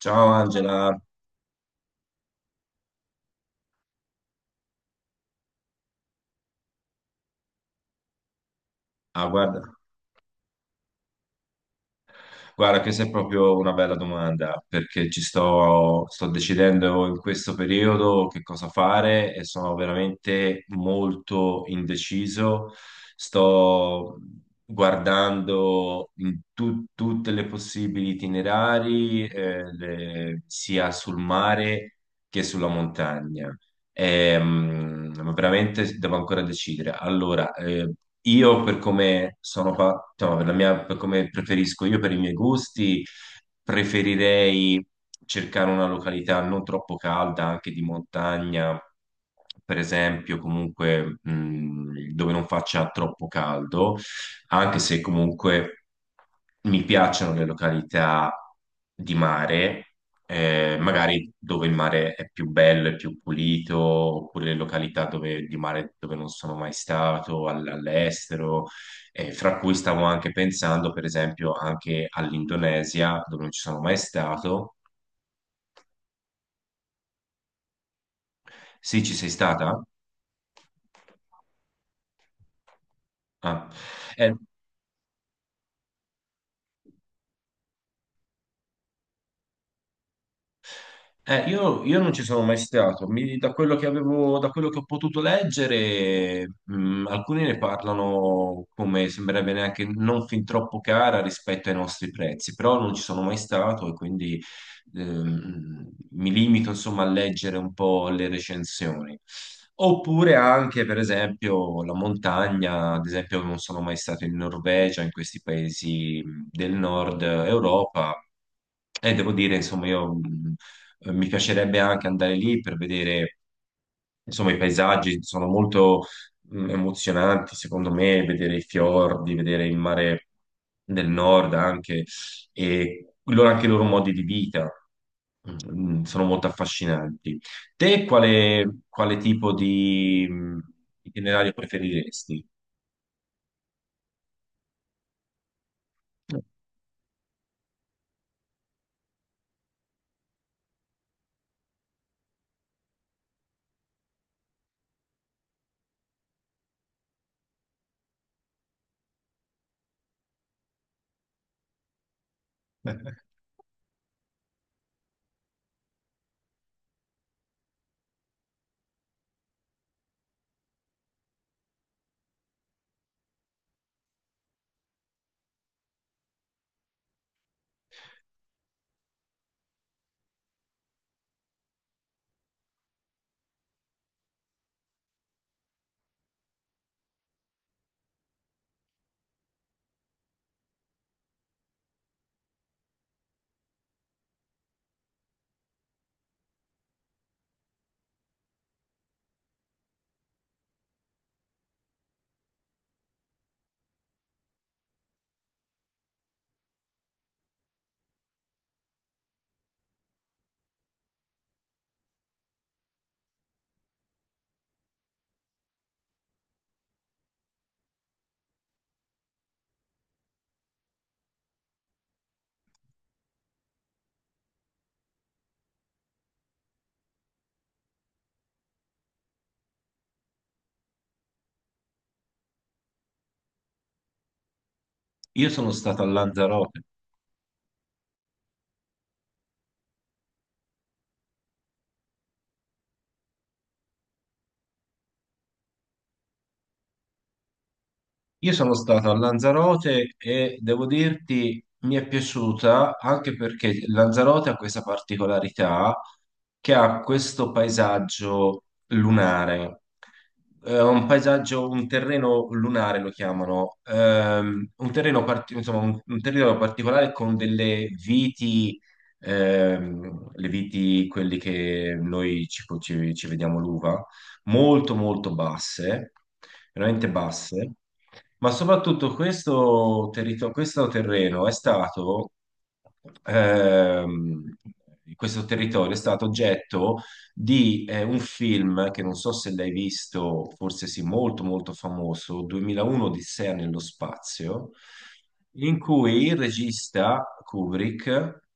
Ciao Angela, guarda, guarda, questa è proprio una bella domanda perché sto decidendo in questo periodo che cosa fare e sono veramente molto indeciso. Sto guardando in tutte le possibili itinerari, sia sul mare che sulla montagna. Ma veramente devo ancora decidere. Allora, io per come sono cioè, per la per come preferisco io, per i miei gusti, preferirei cercare una località non troppo calda, anche di montagna, per esempio, comunque, dove non faccia troppo caldo anche se comunque mi piacciono le località di mare, magari dove il mare è più bello, è più pulito, oppure le località dove, di mare dove non sono mai stato, all'estero, fra cui stavo anche pensando, per esempio, anche all'Indonesia, dove non ci sono mai stato. Sì, ci sei stata? Ah. Eh, io non ci sono mai stato. Da quello che ho potuto leggere, alcuni ne parlano come sembrerebbe neanche non fin troppo cara rispetto ai nostri prezzi, però non ci sono mai stato e quindi mi limito insomma a leggere un po' le recensioni. Oppure anche, per esempio, la montagna, ad esempio, non sono mai stato in Norvegia, in questi paesi del nord Europa. E devo dire, insomma, mi piacerebbe anche andare lì per vedere, insomma, i paesaggi sono molto emozionanti, secondo me, vedere i fiordi, vedere il mare del nord anche, e loro, anche i loro modi di vita, mm, sono molto affascinanti. Te quale tipo di itinerario preferiresti? Io sono stato a Lanzarote. Io sono stato a Lanzarote e devo dirti mi è piaciuta anche perché Lanzarote ha questa particolarità che ha questo paesaggio lunare, un paesaggio, un terreno lunare lo chiamano, un terreno, insomma, un terreno particolare con delle viti, le viti, quelli che noi ci vediamo l'uva, molto molto basse, veramente basse, ma soprattutto questo, questo terreno è stato, ehm, questo territorio è stato oggetto di un film che non so se l'hai visto, forse sì, molto molto famoso, 2001 Odissea nello spazio, in cui il regista Kubrick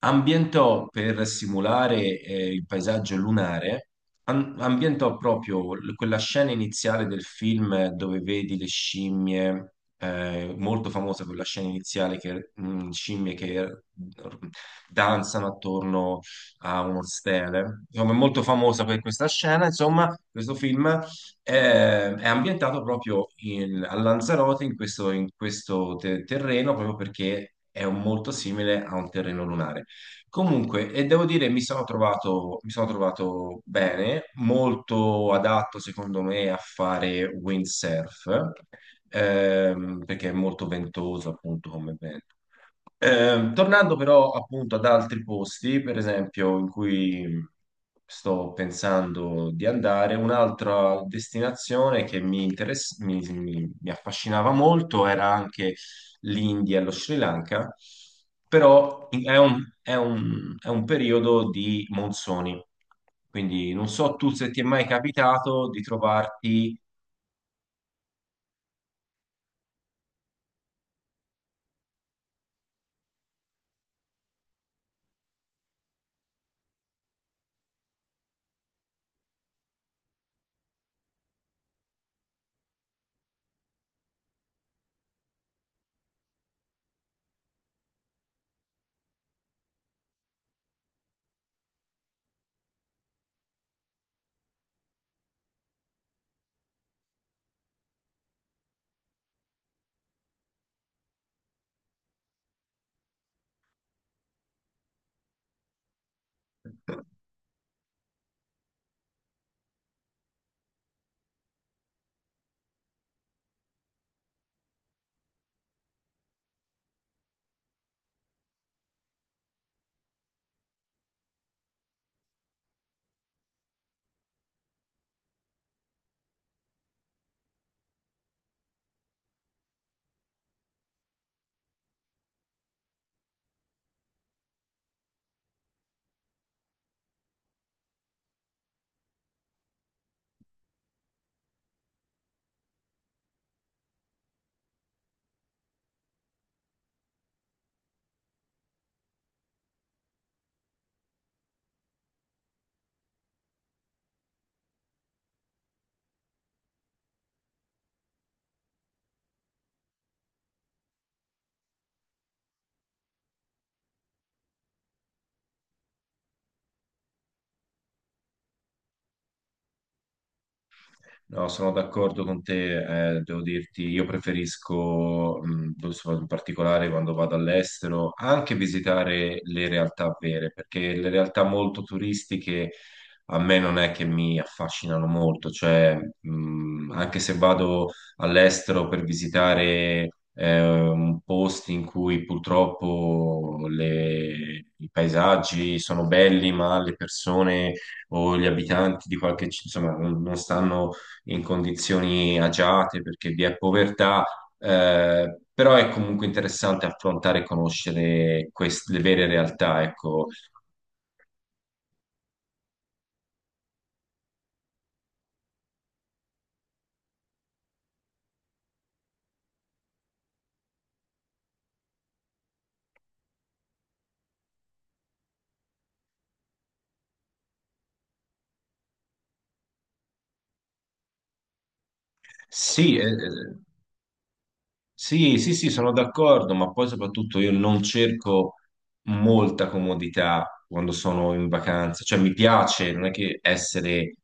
ambientò per simulare il paesaggio lunare, ambientò proprio quella scena iniziale del film dove vedi le scimmie. Eh, molto famosa quella scena iniziale che scimmie che r- danzano attorno a uno stele. Insomma, è molto famosa per questa scena. Insomma, questo film è ambientato proprio a Lanzarote, in questo terreno, proprio perché è molto simile a un terreno lunare. Comunque, e devo dire, mi sono trovato bene, molto adatto secondo me a fare windsurf, perché è molto ventoso appunto come vento. Tornando però appunto ad altri posti, per esempio, in cui sto pensando di andare, un'altra destinazione che mi, interess- mi- mi affascinava molto era anche l'India e lo Sri Lanka, però è è è un periodo di monsoni, quindi non so tu se ti è mai capitato di trovarti. No, sono d'accordo con te, devo dirti, io preferisco, in particolare quando vado all'estero, anche visitare le realtà vere, perché le realtà molto turistiche a me non è che mi affascinano molto, cioè, anche se vado all'estero per visitare, un posti in cui purtroppo i paesaggi sono belli, ma le persone o gli abitanti di qualche, insomma, non non stanno in condizioni agiate perché vi è povertà, però è comunque interessante affrontare e conoscere queste, le vere realtà, ecco. Sì, eh, eh, Sì, sì, sì, sono d'accordo, ma poi soprattutto io non cerco molta comodità quando sono in vacanza, cioè mi piace, non è che essere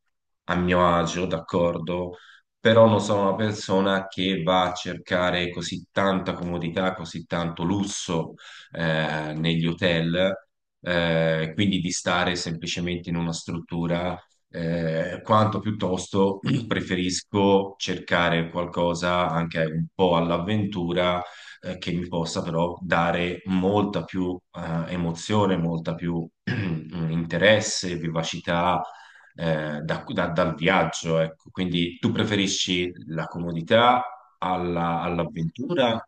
a mio agio, d'accordo, però non sono una persona che va a cercare così tanta comodità, così tanto lusso negli hotel, quindi di stare semplicemente in una struttura quanto piuttosto preferisco cercare qualcosa anche un po' all'avventura, che mi possa però dare molta più, emozione, molta più interesse, vivacità, dal viaggio, ecco. Quindi tu preferisci la comodità all'avventura?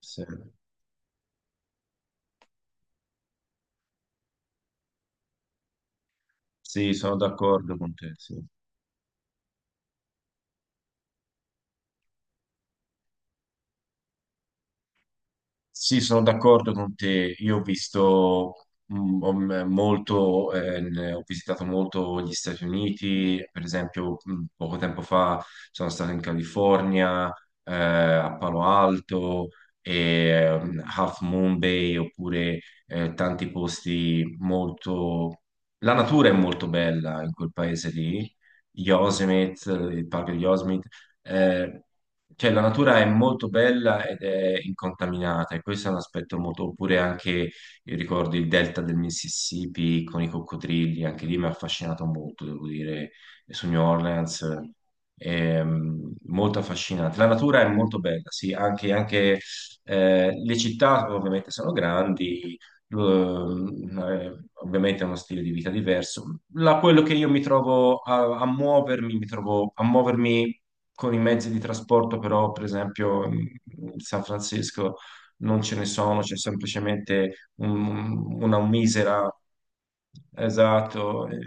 Sì. Sì, sono d'accordo con te, sì. Sì, sono d'accordo con te. Io ho visto molto, ho visitato molto gli Stati Uniti, per esempio, mm, poco tempo fa sono stato in California, a Palo Alto, e, mm, Half Moon Bay, oppure tanti posti molto... La natura è molto bella in quel paese lì, Yosemite, il parco di Yosemite. Eh, cioè, la natura è molto bella ed è incontaminata, e questo è un aspetto molto. Oppure anche, io ricordo il delta del Mississippi con i coccodrilli, anche lì mi ha affascinato molto, devo dire, su New Orleans, molto affascinante. La natura è molto bella, sì, anche, le città ovviamente sono grandi, lo- ovviamente è uno stile di vita diverso. Quello che io a muovermi, mi trovo a muovermi con i mezzi di trasporto, però, per esempio, in San Francisco non ce ne sono, c'è semplicemente una misera. Esatto. Eh,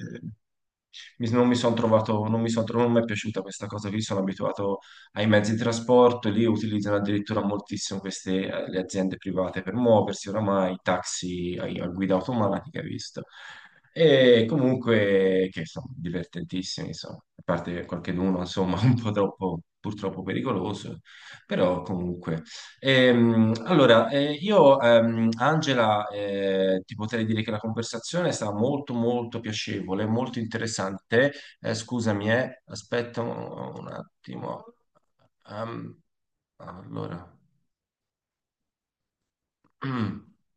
non mi sono trovato, non mi è piaciuta questa cosa qui, sono abituato ai mezzi di trasporto, lì utilizzano addirittura moltissimo queste, le aziende private per muoversi, oramai, taxi a guida automatica, hai visto. E comunque, che sono divertentissimi, insomma, a parte qualcheduno, insomma, un po' troppo, purtroppo pericoloso, però comunque. Allora, Angela, ti potrei dire che la conversazione è stata molto, molto piacevole, molto interessante. Scusami, aspetta un attimo. Ehm, allora.